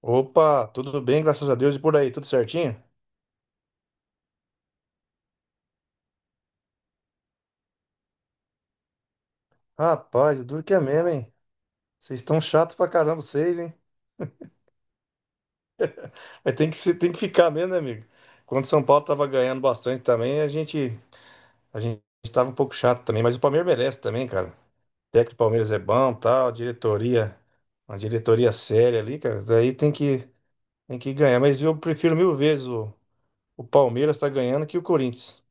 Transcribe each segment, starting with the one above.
Opa, tudo bem, graças a Deus. E por aí, tudo certinho? Rapaz, duro que é mesmo, hein? Vocês estão chato pra caramba, vocês, hein? Mas tem que, se- tem que ficar mesmo, né, amigo? Quando o São Paulo tava ganhando bastante também, a gente tava um pouco chato também, mas o Palmeiras merece também, cara. O técnico do Palmeiras é bom, tal, diretoria, uma diretoria séria ali, cara. Daí tem que ganhar. Mas eu prefiro mil vezes o Palmeiras tá ganhando que o Corinthians.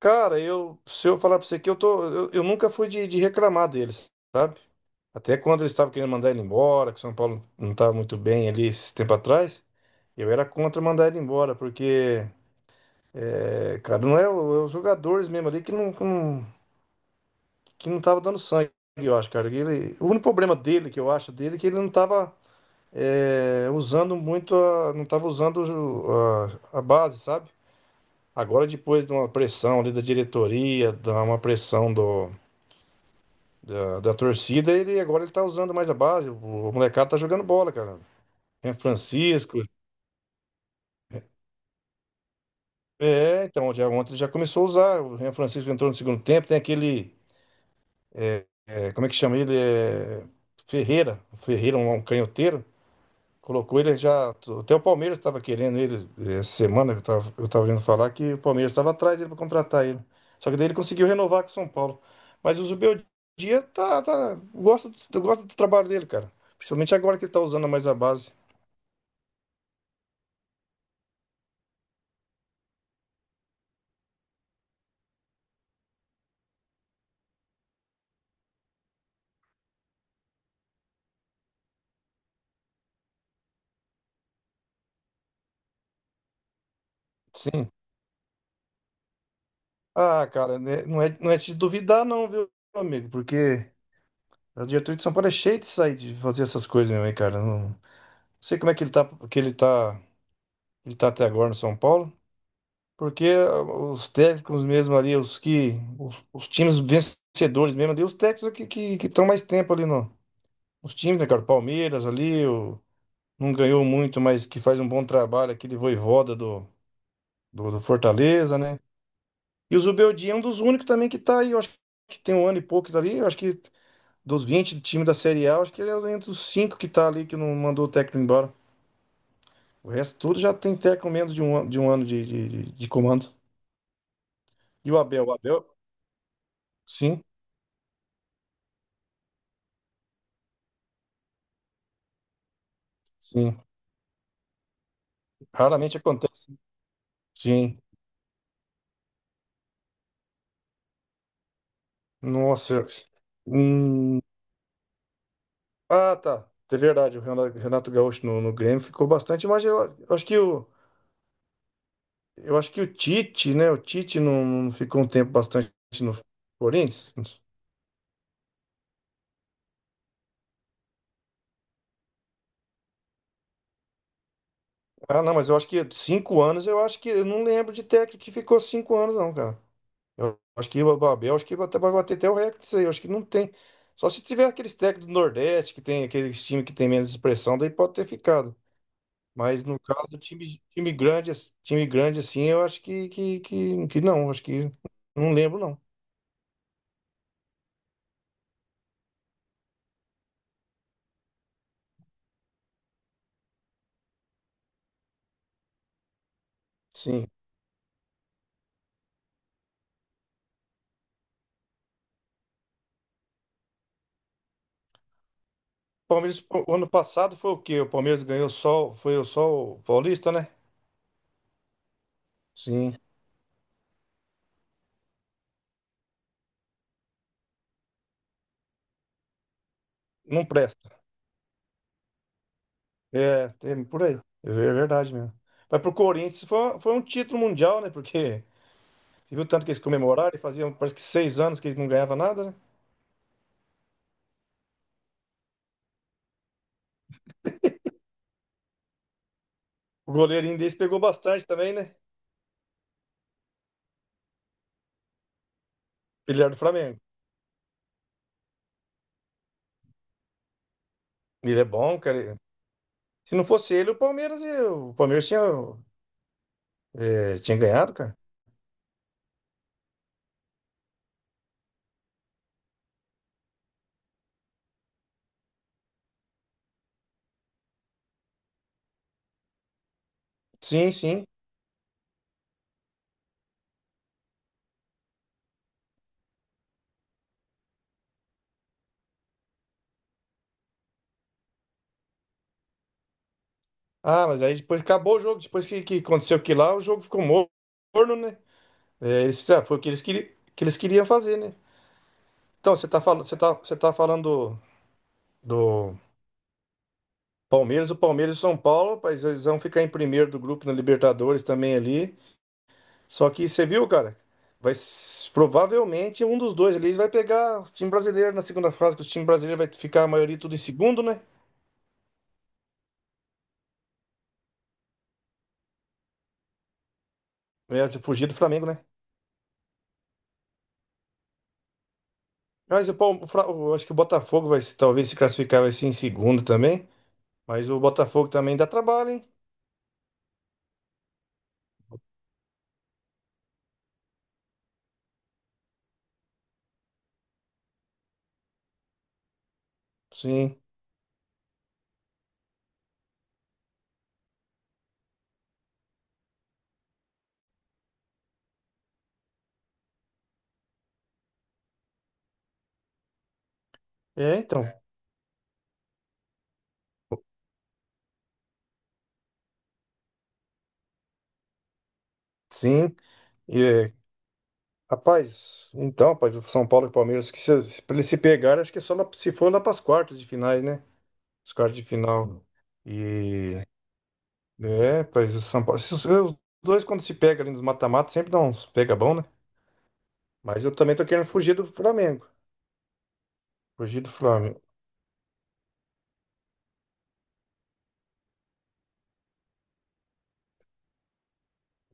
Cara, se eu falar pra você que eu nunca fui de reclamar deles, sabe? Até quando eles estavam querendo mandar ele embora, que São Paulo não estava muito bem ali esse tempo atrás, eu era contra mandar ele embora, porque, cara, não é, é os jogadores mesmo ali que não tava dando sangue, eu acho, cara. Ele, o único problema dele, que eu acho dele, é que ele não tava, usando muito, não tava usando a base, sabe? Agora, depois de uma pressão ali da diretoria, de uma pressão da torcida, ele agora ele tá usando mais a base. O molecado tá jogando bola, cara. Renan Francisco. É, então, já, ontem ele já começou a usar. O Ren Francisco entrou no segundo tempo. Tem aquele. Como é que chama ele? É, Ferreira. Ferreira, um canhoteiro. Colocou ele já. Até o Palmeiras estava querendo ele, essa semana. Eu tava ouvindo falar que o Palmeiras estava atrás dele para contratar ele. Só que daí ele conseguiu renovar com o São Paulo. Mas o Zubeldia tá, gosta, eu gosto do trabalho dele, cara. Principalmente agora que ele tá usando mais a base. Sim. Ah, cara, né, não é, não é te duvidar, não, viu, meu amigo? Porque a diretoria de São Paulo é cheia de sair de fazer essas coisas meu hein, cara. Não sei como é que que ele tá, ele tá até agora no São Paulo, porque os técnicos mesmo ali, os times vencedores mesmo ali, os técnicos que estão mais tempo ali no, os times, né, cara? O Palmeiras ali, não ganhou muito, mas que faz um bom trabalho, aquele Voivoda do, do Fortaleza, né? E o Zubeldia é um dos únicos também que tá aí, eu acho que tem um ano e pouco ali, eu acho que dos 20 times da Série A, acho que ele é entre os 5 que tá ali que não mandou o técnico embora. O resto tudo já tem técnico menos de um ano de comando. E o Abel? O Abel? Sim, sim. Raramente acontece. Sim. Nossa. Hum. Ah, tá. É verdade, o Renato Gaúcho no Grêmio ficou bastante, mas eu acho que o Tite, né? O Tite não ficou um tempo bastante no Corinthians. Ah, não, mas eu acho que 5 anos, eu acho que eu não lembro de técnico que ficou 5 anos, não, cara. Eu acho que o Abel, acho que até vai bater até o recorde disso aí. Eu acho que não tem. Só se tiver aqueles técnicos do Nordeste, que tem aqueles times que tem menos expressão, daí pode ter ficado. Mas no caso, time grande assim, eu acho que não, acho que não lembro não. Sim. Palmeiras, o ano passado foi o quê? O Palmeiras ganhou só, foi o só o Paulista, né? Sim. Não presta. É, tem por aí. É verdade mesmo. Mas pro Corinthians foi um título mundial, né? Porque você viu tanto que eles comemoraram e faziam, parece que 6 anos que eles não ganhavam nada, né? O goleirinho deles pegou bastante também, né? Ele era do Flamengo. Ele é bom, cara. Se não fosse ele, o Palmeiras, o Palmeiras tinha ganhado, cara. Sim, sim. Ah, mas aí depois acabou o jogo. Depois que aconteceu aquilo lá, o jogo ficou morno, né? É, eles, foi o que que eles queriam fazer, né? Então, você tá falando do Palmeiras, o Palmeiras e o São Paulo, rapaz, eles vão ficar em primeiro do grupo na Libertadores também ali. Só que você viu, cara? Provavelmente um dos dois ali vai pegar o time brasileiro na segunda fase, que o time brasileiro vai ficar a maioria tudo em segundo, né? Vai fugir do Flamengo, né? Mas o, Palme- o Fla- o- acho que o Botafogo vai se- talvez se classificar vai ser em segundo também. Mas o Botafogo também dá trabalho, hein? Sim. É, então. Sim. E, rapaz, então, rapaz, o São Paulo e o Palmeiras, que se, pra eles se pegarem, acho que é só lá- se for lá para as quartas de finais, né? As quartas de final. E. É, pois o São Paulo. Se Os os dois, quando se pega ali nos mata-mata, sempre dá uns pega bom, né? Mas eu também tô querendo fugir do Flamengo. Fugir do Flamengo.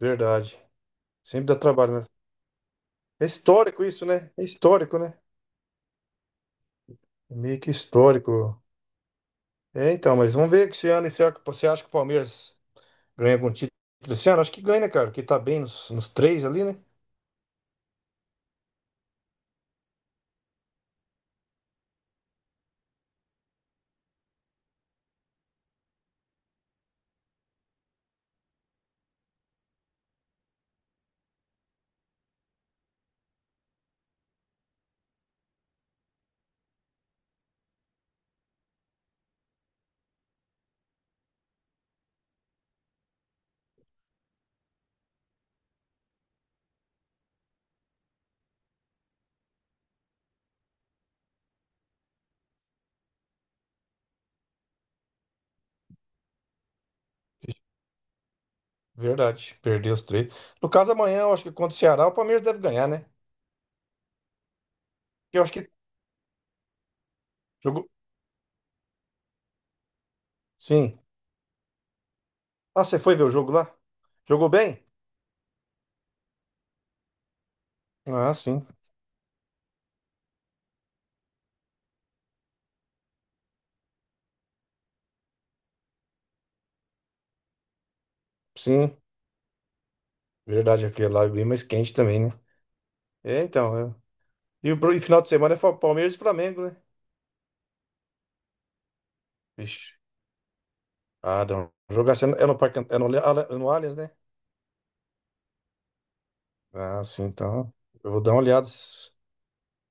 Verdade. Sempre dá trabalho, né? É histórico isso, né? É histórico, né? É meio que histórico. É, então, mas vamos ver que esse ano, será que você acha que o Palmeiras ganha algum título esse ano? Acho que ganha, né, cara? Porque tá bem nos três ali, né? Verdade. Perdeu os três. No caso, amanhã, eu acho que contra o Ceará, o Palmeiras deve ganhar, né? Eu acho que jogou. Sim. Ah, você foi ver o jogo lá? Jogou bem? Ah, sim. Sim, verdade, aquele lá é bem mais quente também, né? É, então. E final de semana é Palmeiras e Flamengo, né? Vixe. Ah, não. Jogar assim, é no Allianz, né? Ah, sim, então. Eu vou dar uma olhada esse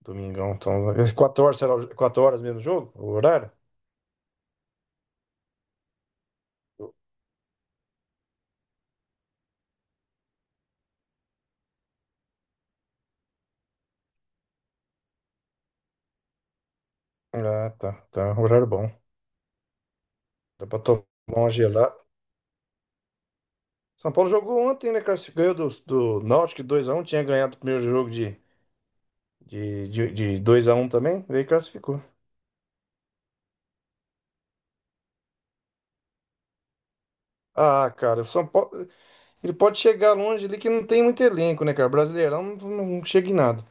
domingão. Então, às 4 horas, será 4 horas mesmo o jogo? O horário? Ah, tá. Tá, um horário bom. Dá pra tomar uma gelada. São Paulo jogou ontem, né, cara? Se Ganhou do Náutico 2 a 1 tinha ganhado o primeiro jogo de, de 2x1 também, veio e classificou. Ah, cara, o São Paulo. Ele pode chegar longe ali que não tem muito elenco, né, cara? Brasileirão não chega em nada.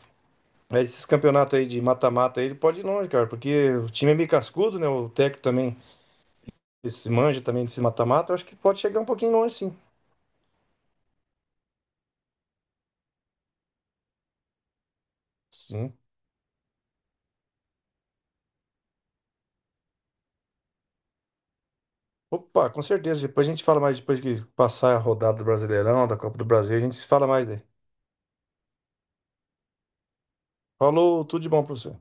Mas esses campeonatos aí de mata-mata aí, ele pode ir longe, cara, porque o time é meio cascudo, né? O técnico também, esse manja também desse mata-mata, eu acho que pode chegar um pouquinho longe, sim. Sim. Opa, com certeza. Depois a gente fala mais, depois que passar a rodada do Brasileirão, da Copa do Brasil, a gente fala mais aí. Falou, tudo de bom pra você.